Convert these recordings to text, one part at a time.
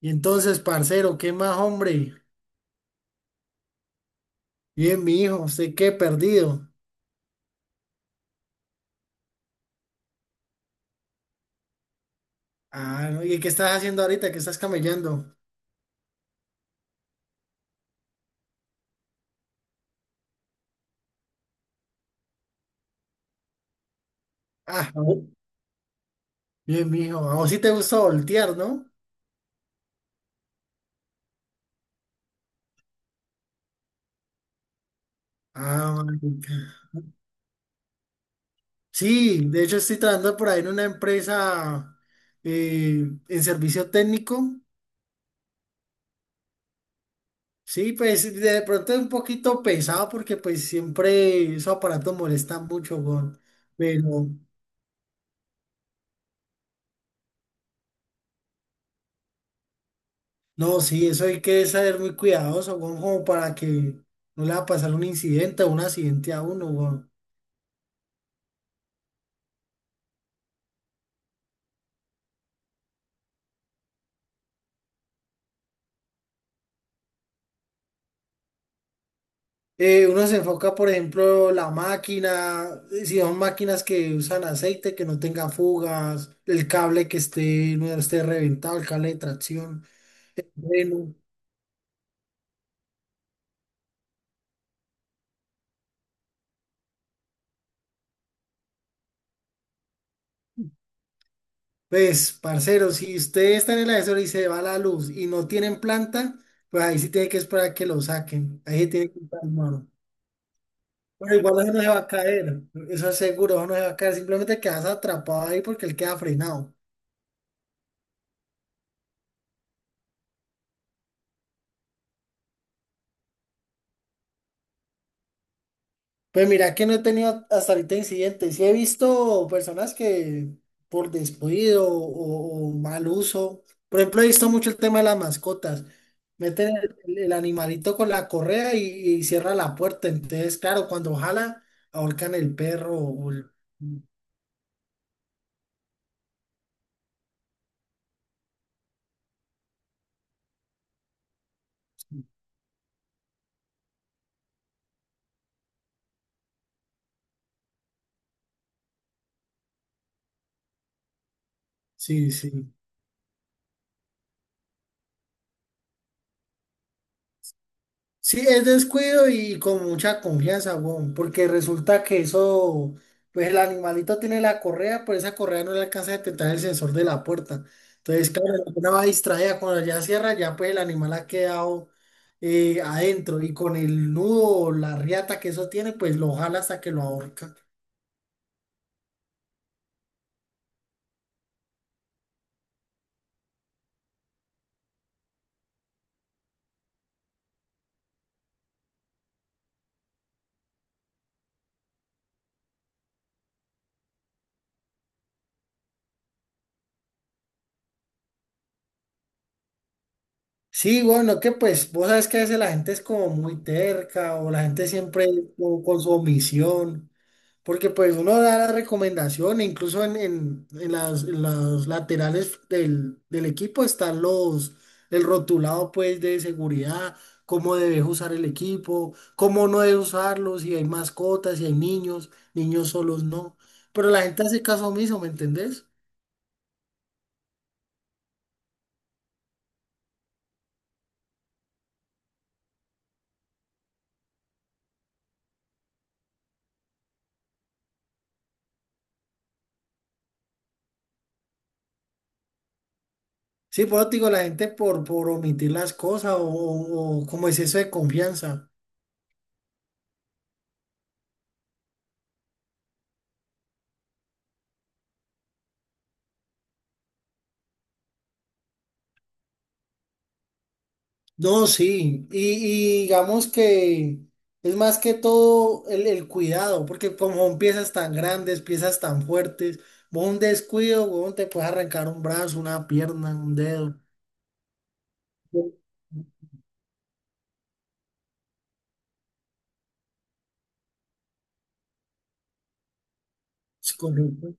Y entonces, parcero, ¿qué más, hombre? Bien, mi hijo, ¿usted qué? Perdido. Ah, no, ¿y qué estás haciendo ahorita? ¿Qué estás camellando? Ah, a vo- Bien, mi hijo. A vos sí te gusta voltear, ¿no? Ah, marica. Sí, de hecho estoy trabajando por ahí en una empresa en servicio técnico. Sí, pues de pronto es un poquito pesado porque pues siempre esos aparatos molestan mucho, weón. No, sí, eso hay que saber muy cuidadoso, weón, como para que no le va a pasar un incidente o un accidente a uno, weón. Uno se enfoca, por ejemplo, la máquina, si son máquinas que usan aceite, que no tenga fugas, el cable que esté, no esté reventado, el cable de tracción. Bueno, pues, parcero, si usted está en el ascensor y se va la luz y no tienen planta, pues ahí sí tiene que esperar que lo saquen. Ahí se tiene que estar. Pero igual eso no se va a caer, eso es seguro, eso no se va a caer, simplemente quedas atrapado ahí porque él queda frenado. Pues mira que no he tenido hasta ahorita incidentes, sí he visto personas que por descuido o mal uso, por ejemplo he visto mucho el tema de las mascotas, meten animalito con la correa y cierra la puerta, entonces claro, cuando jala ahorcan el perro, o el- sí, sí. Sí, es descuido y con mucha confianza, weón, porque resulta que eso, pues el animalito tiene la correa, pero esa correa no le alcanza a detectar el sensor de la puerta. Entonces, claro, la persona va distraída, cuando ya cierra, ya pues el animal ha quedado adentro y con el nudo o la riata que eso tiene, pues lo jala hasta que lo ahorca. Sí, bueno, que pues vos sabes que a veces la gente es como muy terca o la gente siempre como con su omisión. Porque pues uno da la recomendación, e incluso en las laterales del equipo están los, el rotulado pues de seguridad, cómo debes usar el equipo, cómo no debes usarlo, si hay mascotas, si hay niños, niños solos no. Pero la gente hace caso omiso, ¿me entendés? Sí, por eso te digo, la gente por omitir las cosas o como es eso de confianza. No, sí, y digamos que es más que todo el cuidado, porque como son piezas tan grandes, piezas tan fuertes, vos un descuido, vos te puedes arrancar un brazo, una pierna, un dedo. Es correcto.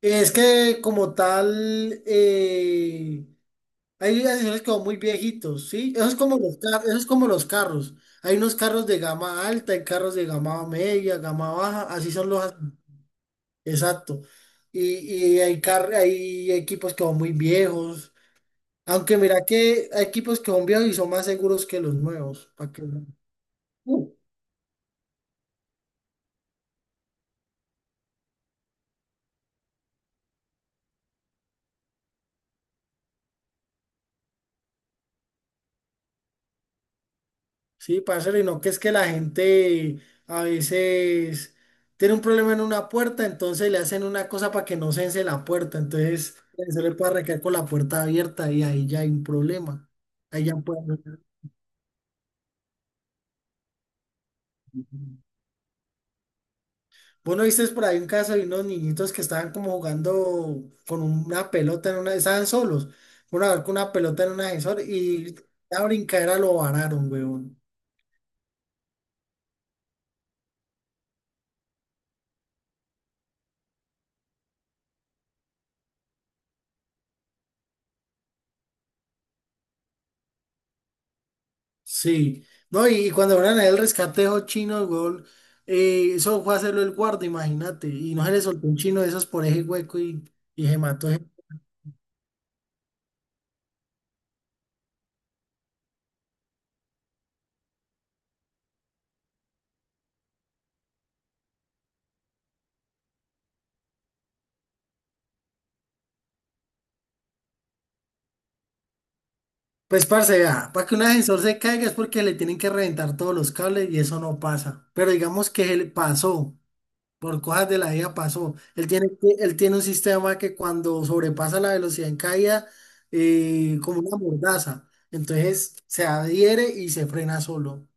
Es que como tal, hay asesores que son muy viejitos, ¿sí? Eso es como los carros, eso es como los carros. Hay unos carros de gama alta, hay carros de gama media, gama baja, así son los... Exacto. Y hay, car- hay equipos que son muy viejos. Aunque mira que hay equipos que son viejos y son más seguros que los nuevos. ¿Para que uh, sí, parcero, y no que es que la gente a veces tiene un problema en una puerta, entonces le hacen una cosa para que no cese la puerta. Entonces se le puede recaer con la puerta abierta y ahí ya hay un problema. Ahí ya puede. Vos no viste por ahí un caso de unos niñitos que estaban como jugando con una pelota en una, estaban solos, una vez con una pelota en un ascensor y la brincadera lo vararon, weón. Sí, no, y cuando fueron a el rescate de esos chinos, weón, eso fue a hacerlo el guarda, imagínate, y no se le soltó un chino de esos por ese hueco y se mató. Ese- pues, parce, vea, para que un ascensor se caiga es porque le tienen que reventar todos los cables y eso no pasa, pero digamos que se le pasó. Por cosas de la vida pasó. Él tiene, que- él tiene un sistema que cuando sobrepasa la velocidad en caída, como una mordaza. Entonces se adhiere y se frena solo.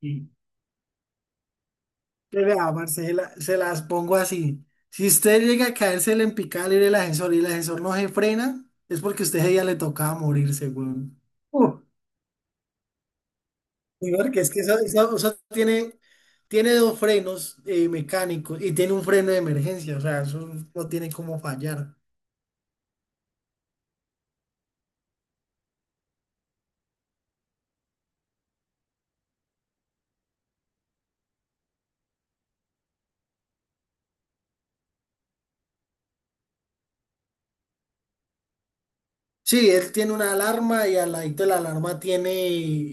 Y pues, vea, Marcela, se las pongo así. Si usted llega a caérsele en picada libre el ascensor y el ascensor no se frena, es porque a usted ese día le tocaba morirse, weón. Uh, sí, porque es que eso, eso tiene, tiene dos frenos mecánicos y tiene un freno de emergencia, o sea, eso no tiene cómo fallar. Sí, él tiene una alarma y al ladito de la alarma tiene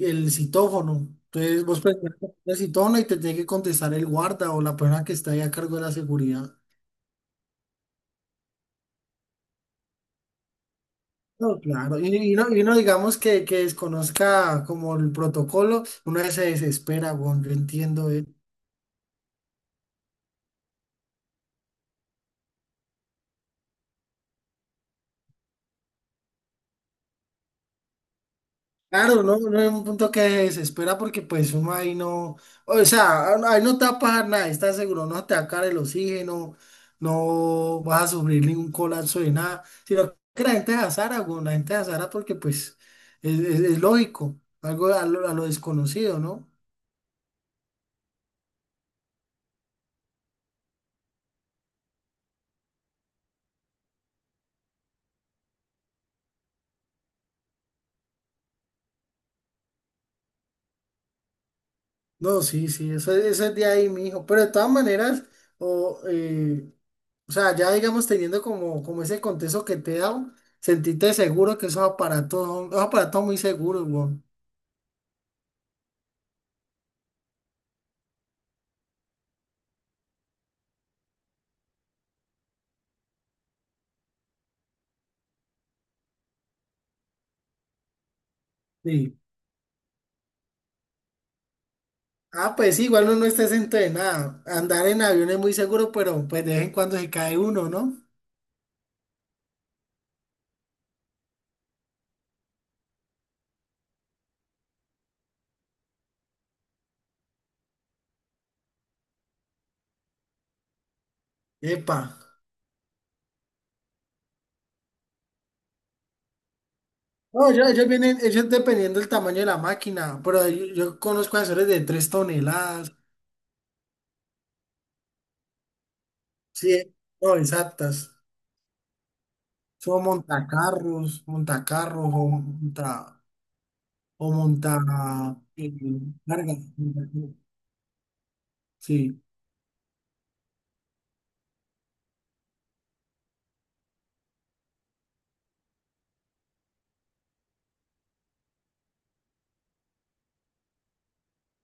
el citófono. Entonces vos presionas el citófono y te tiene que contestar el guarda o la persona que está ahí a cargo de la seguridad. No, claro. Y no, y no digamos que desconozca como el protocolo, uno se desespera, bueno, yo entiendo. Claro, no, no es un punto que desespera porque pues uno ahí no, o sea, ahí no te va a pasar nada, estás seguro, no te va a caer el oxígeno, no vas a sufrir ningún colapso de nada, sino que la gente de azara, güey, la gente de azara porque pues es, es lógico, algo a lo desconocido, ¿no? No, sí, sí, eso, eso es de ahí, mijo, pero de todas maneras, o, eh, o sea, ya digamos teniendo como, como ese contexto que te he dado, sentiste seguro que esos aparatos, esos aparatos son muy seguros, güey. Sí. Ah, pues sí, igual uno no está entrenado. Andar en avión es muy seguro, pero pues de vez en cuando se cae uno, ¿no? Epa. No, ellos, vienen, ellos dependiendo del tamaño de la máquina, pero yo conozco asesores de 3 toneladas, sí, no, exactas. Son montacarros, montacarros o monta eh, carga. Sí,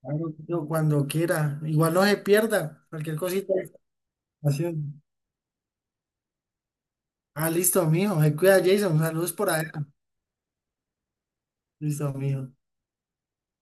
claro, yo cuando quiera. Igual no se pierda cualquier cosita de información. Ah, listo, mijo. Se cuida, Jason. Saludos por ahí. Listo, amigo.